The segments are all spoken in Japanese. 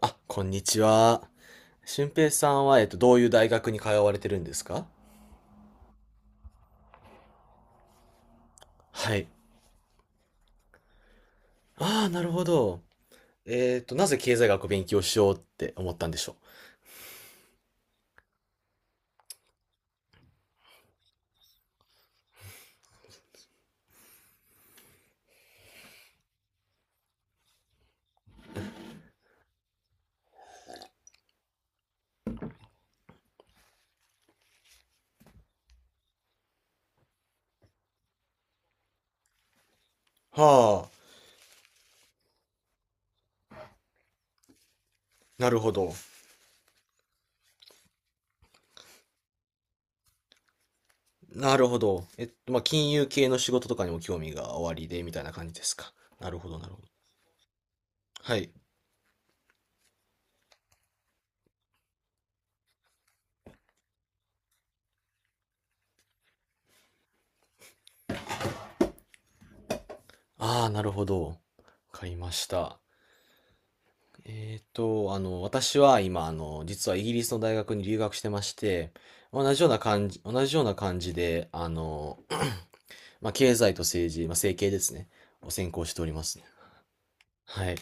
あ、こんにちは。俊平さんは、どういう大学に通われてるんですか？はい。ああ、なるほど。なぜ経済学を勉強しようって思ったんでしょう？はあ、なるほど。なるほど。まあ、金融系の仕事とかにも興味がおありで、みたいな感じですか？なるほど、なるほど。はい。ああ、なるほど。わかりました。私は今、実はイギリスの大学に留学してまして、同じような感じで、まあ、経済と政治、まあ、政経ですね。を専攻しておりますね。はい。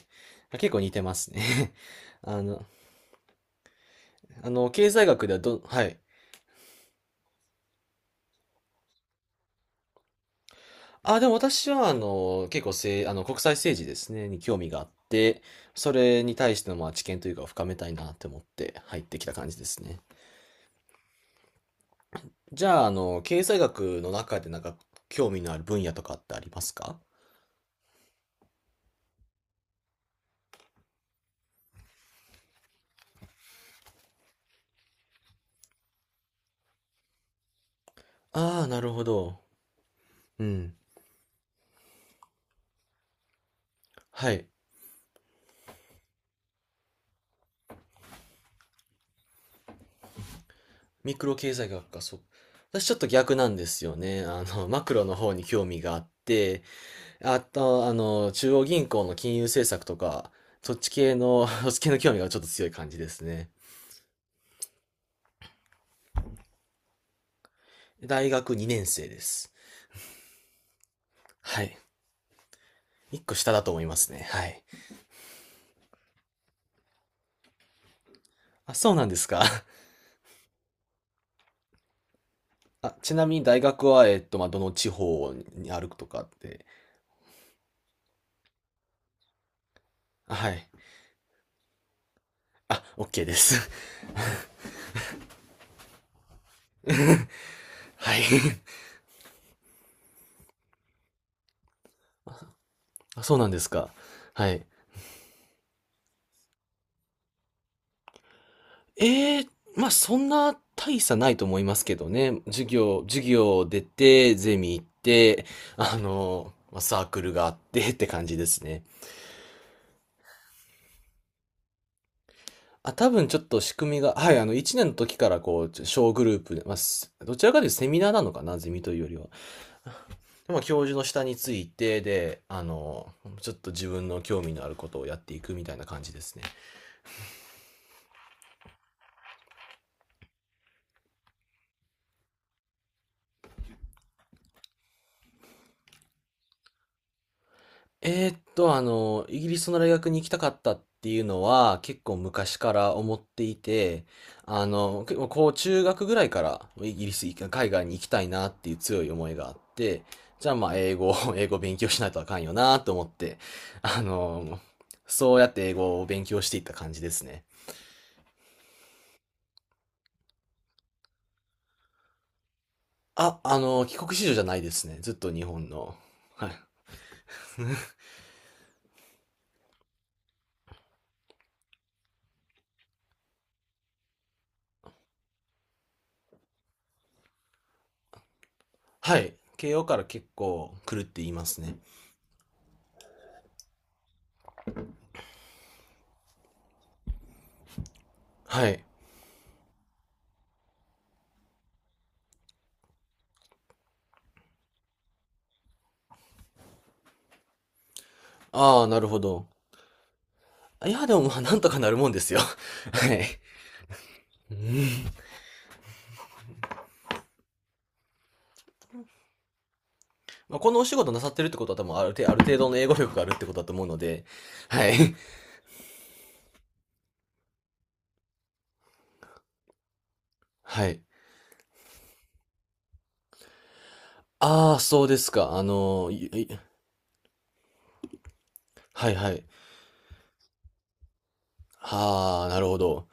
結構似てますね。あの、経済学では。はい。あ、でも私は、結構せい、あの、国際政治ですね、に興味があって、それに対しての、まあ、知見というか、深めたいなって思って入ってきた感じですね。じゃあ、経済学の中で、なんか、興味のある分野とかってありますか？ああー、なるほど。うん。はい。ミクロ経済学か、そう。私ちょっと逆なんですよね。マクロの方に興味があって、あと、中央銀行の金融政策とか、そっち系の、そっち系の興味がちょっと強い感じですね。大学2年生です。はい。1個下だと思いますね。はい。あ、そうなんですか。あ、ちなみに大学は、まあ、どの地方にあるとかって？あはい。あ、OK です。はい。あ、そうなんですか。はい。ええ、まあ、そんな大差ないと思いますけどね。授業出て、ゼミ行って、まあサークルがあってって感じですね。あ、多分ちょっと仕組みが、はい、1年の時からこう、小グループで、まあ、どちらかというとセミナーなのかな、ゼミというよりは。でまあ、教授の下について、で、ちょっと自分の興味のあることをやっていくみたいな感じですね。イギリスの大学に行きたかったっていうのは結構昔から思っていて、結構こう中学ぐらいからイギリス、海外に行きたいなっていう強い思いがあって、じゃあまあ英語、英語勉強しないとあかんよなと思って、あの、そうやって英語を勉強していった感じですね。あ、帰国子女じゃないですね。ずっと日本の。はい。はい。慶応から結構来るって言いますね。はい。ああ、なるほど。いや、でもまあ、なんとかなるもんですよ。はい。まあ、このお仕事なさってるってことは多分ある程度、ある程度の英語力があるってことだと思うので、はい。はい。ああ、そうですか。あの、いいはいはい。ああ、なるほど。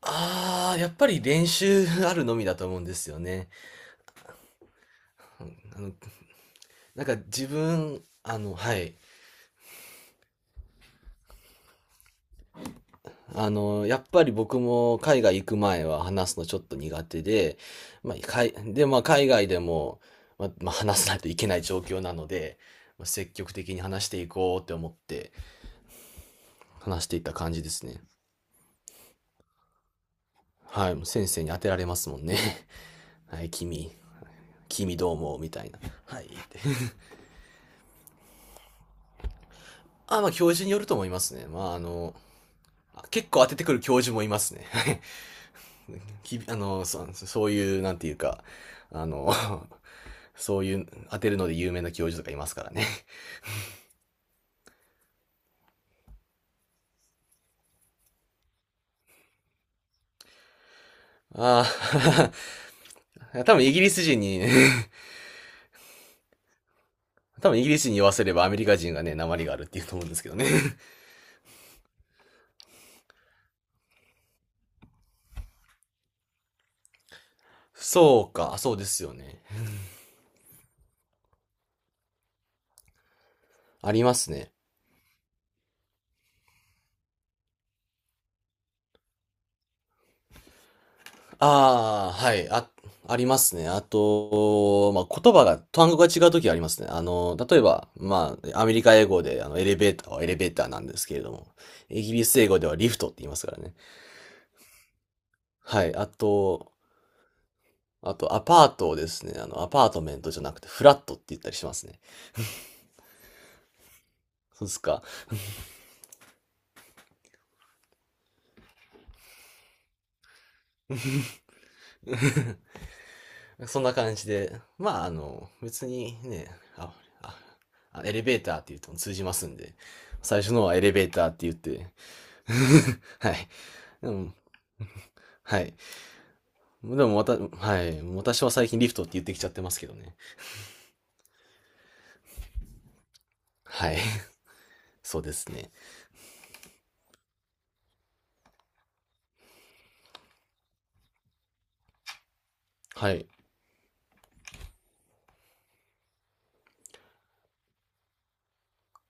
ああ、やっぱり練習あるのみだと思うんですよね。あの、なんか自分、はい。やっぱり僕も海外行く前は話すのちょっと苦手で、まあ、まあ、海外でも、まあ話さないといけない状況なので、まあ、積極的に話していこうって思って話していった感じですね。はい、もう先生に当てられますもんね。はい、君、君どうも、みたいな。はい、って。あ、まあ、教授によると思いますね。まあ、結構当ててくる教授もいますね。きびあの、そういう、なんていうか、あの、そういう、当てるので有名な教授とかいますからね。ああ、多分イギリス人に、多分イギリス人に言わせればアメリカ人がね、鉛があるって言うと思うんですけどね。そうか、そうですよね。ありますね。ああ、はい、あ、ありますね。あと、まあ、言葉が、単語が違うときありますね。例えば、まあ、アメリカ英語で、エレベーターはエレベーターなんですけれども、イギリス英語ではリフトって言いますからね。はい、あと、アパートをですね、アパートメントじゃなくて、フラットって言ったりしますね。そうですか。そんな感じで、まあ、別にね、あ、あ、エレベーターって言うと通じますんで、最初のはエレベーターって言って、はい。でも、はい。でも、また、はい。私は最近リフトって言ってきちゃってますけどね。はい。そうですね。はい。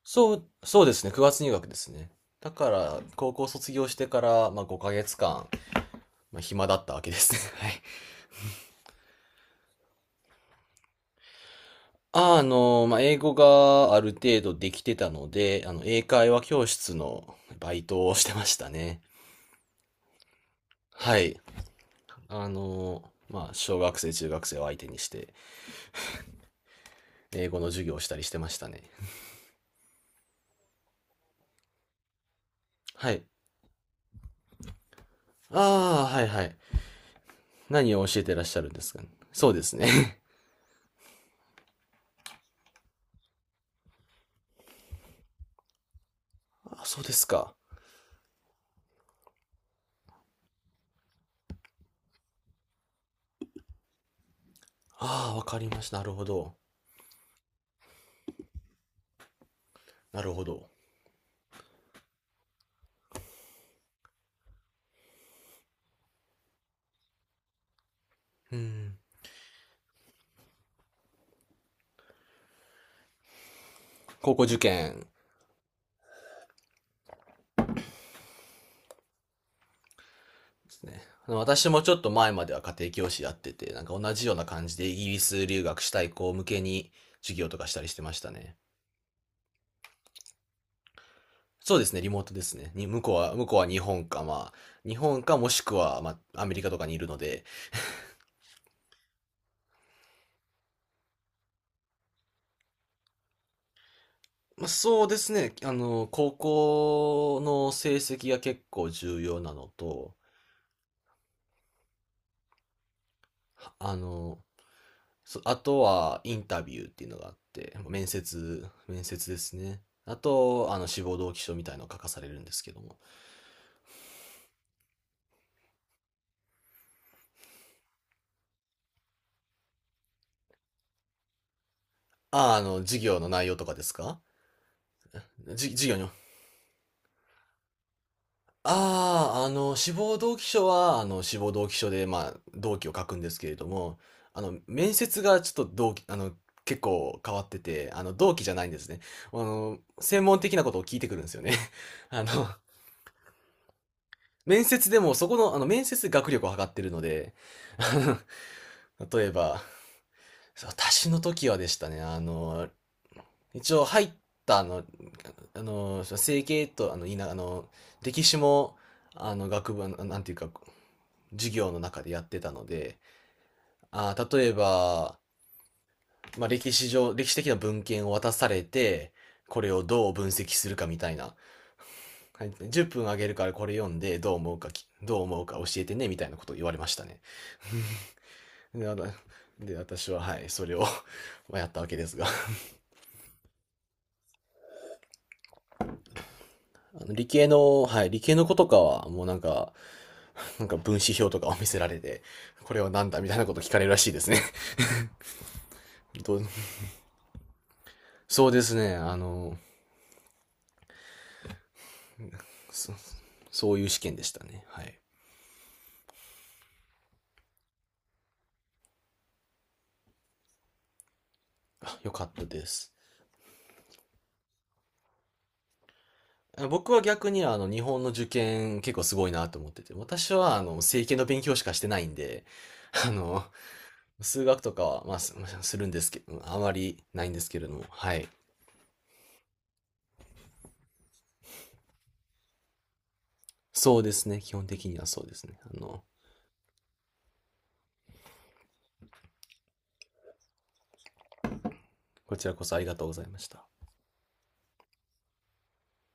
そうですね。9月入学ですね。だから、高校卒業してから、まあ、5ヶ月間、まあ、暇だったわけですね。はい。まあ、英語がある程度できてたので、英会話教室のバイトをしてましたね。はい。まあ、小学生、中学生を相手にして、英語の授業をしたりしてましたね。はい。ああ、はいはい。何を教えてらっしゃるんですかね。そうですね。あ、そうですか。ああ、わかりました。なるほど。なるほど。うん。高校受験ですね。私もちょっと前までは家庭教師やってて、なんか同じような感じでイギリス留学したい子向けに授業とかしたりしてましたね。そうですね、リモートですね。向こうは日本か、まあ、日本かもしくは、まあ、アメリカとかにいるので、まあ、そうですね、高校の成績が結構重要なのと、あの、あとはインタビューっていうのがあって、面接ですね。あと、志望動機書みたいのを書かされるんですけども。ああ、授業の内容とかですか？授業に。ああ、志望動機書は、志望動機書で、まあ、動機を書くんですけれども、面接がちょっと動機、あの、結構変わってて、動機じゃないんですね。専門的なことを聞いてくるんですよね。あの、面接でも、そこの、面接で学力を測ってるので、あ例えば、私の時はでしたね、一応入った整形と、歴史も、学部、なんていうか、授業の中でやってたので、例えば、まあ、歴史的な文献を渡されて、これをどう分析するかみたいな。はい10分あげるからこれ読んで、どう思うか教えてね、みたいなことを言われましたね。で、私は、はい、それを まあやったわけですが。理系の、はい、理系の子とかは、もうなんか、分子表とかを見せられて、これはなんだみたいなこと聞かれるらしいですね。どうそうですね、そそういう試験でしたね。はい。あよかったです。僕は逆に日本の受験結構すごいなと思ってて、私は政経の勉強しかしてないんで、あの、数学とかは、まあ、するんですけど、あまりないんですけれども、はい。そうですね。基本的にはそうですね。こちらこそありがとうございました。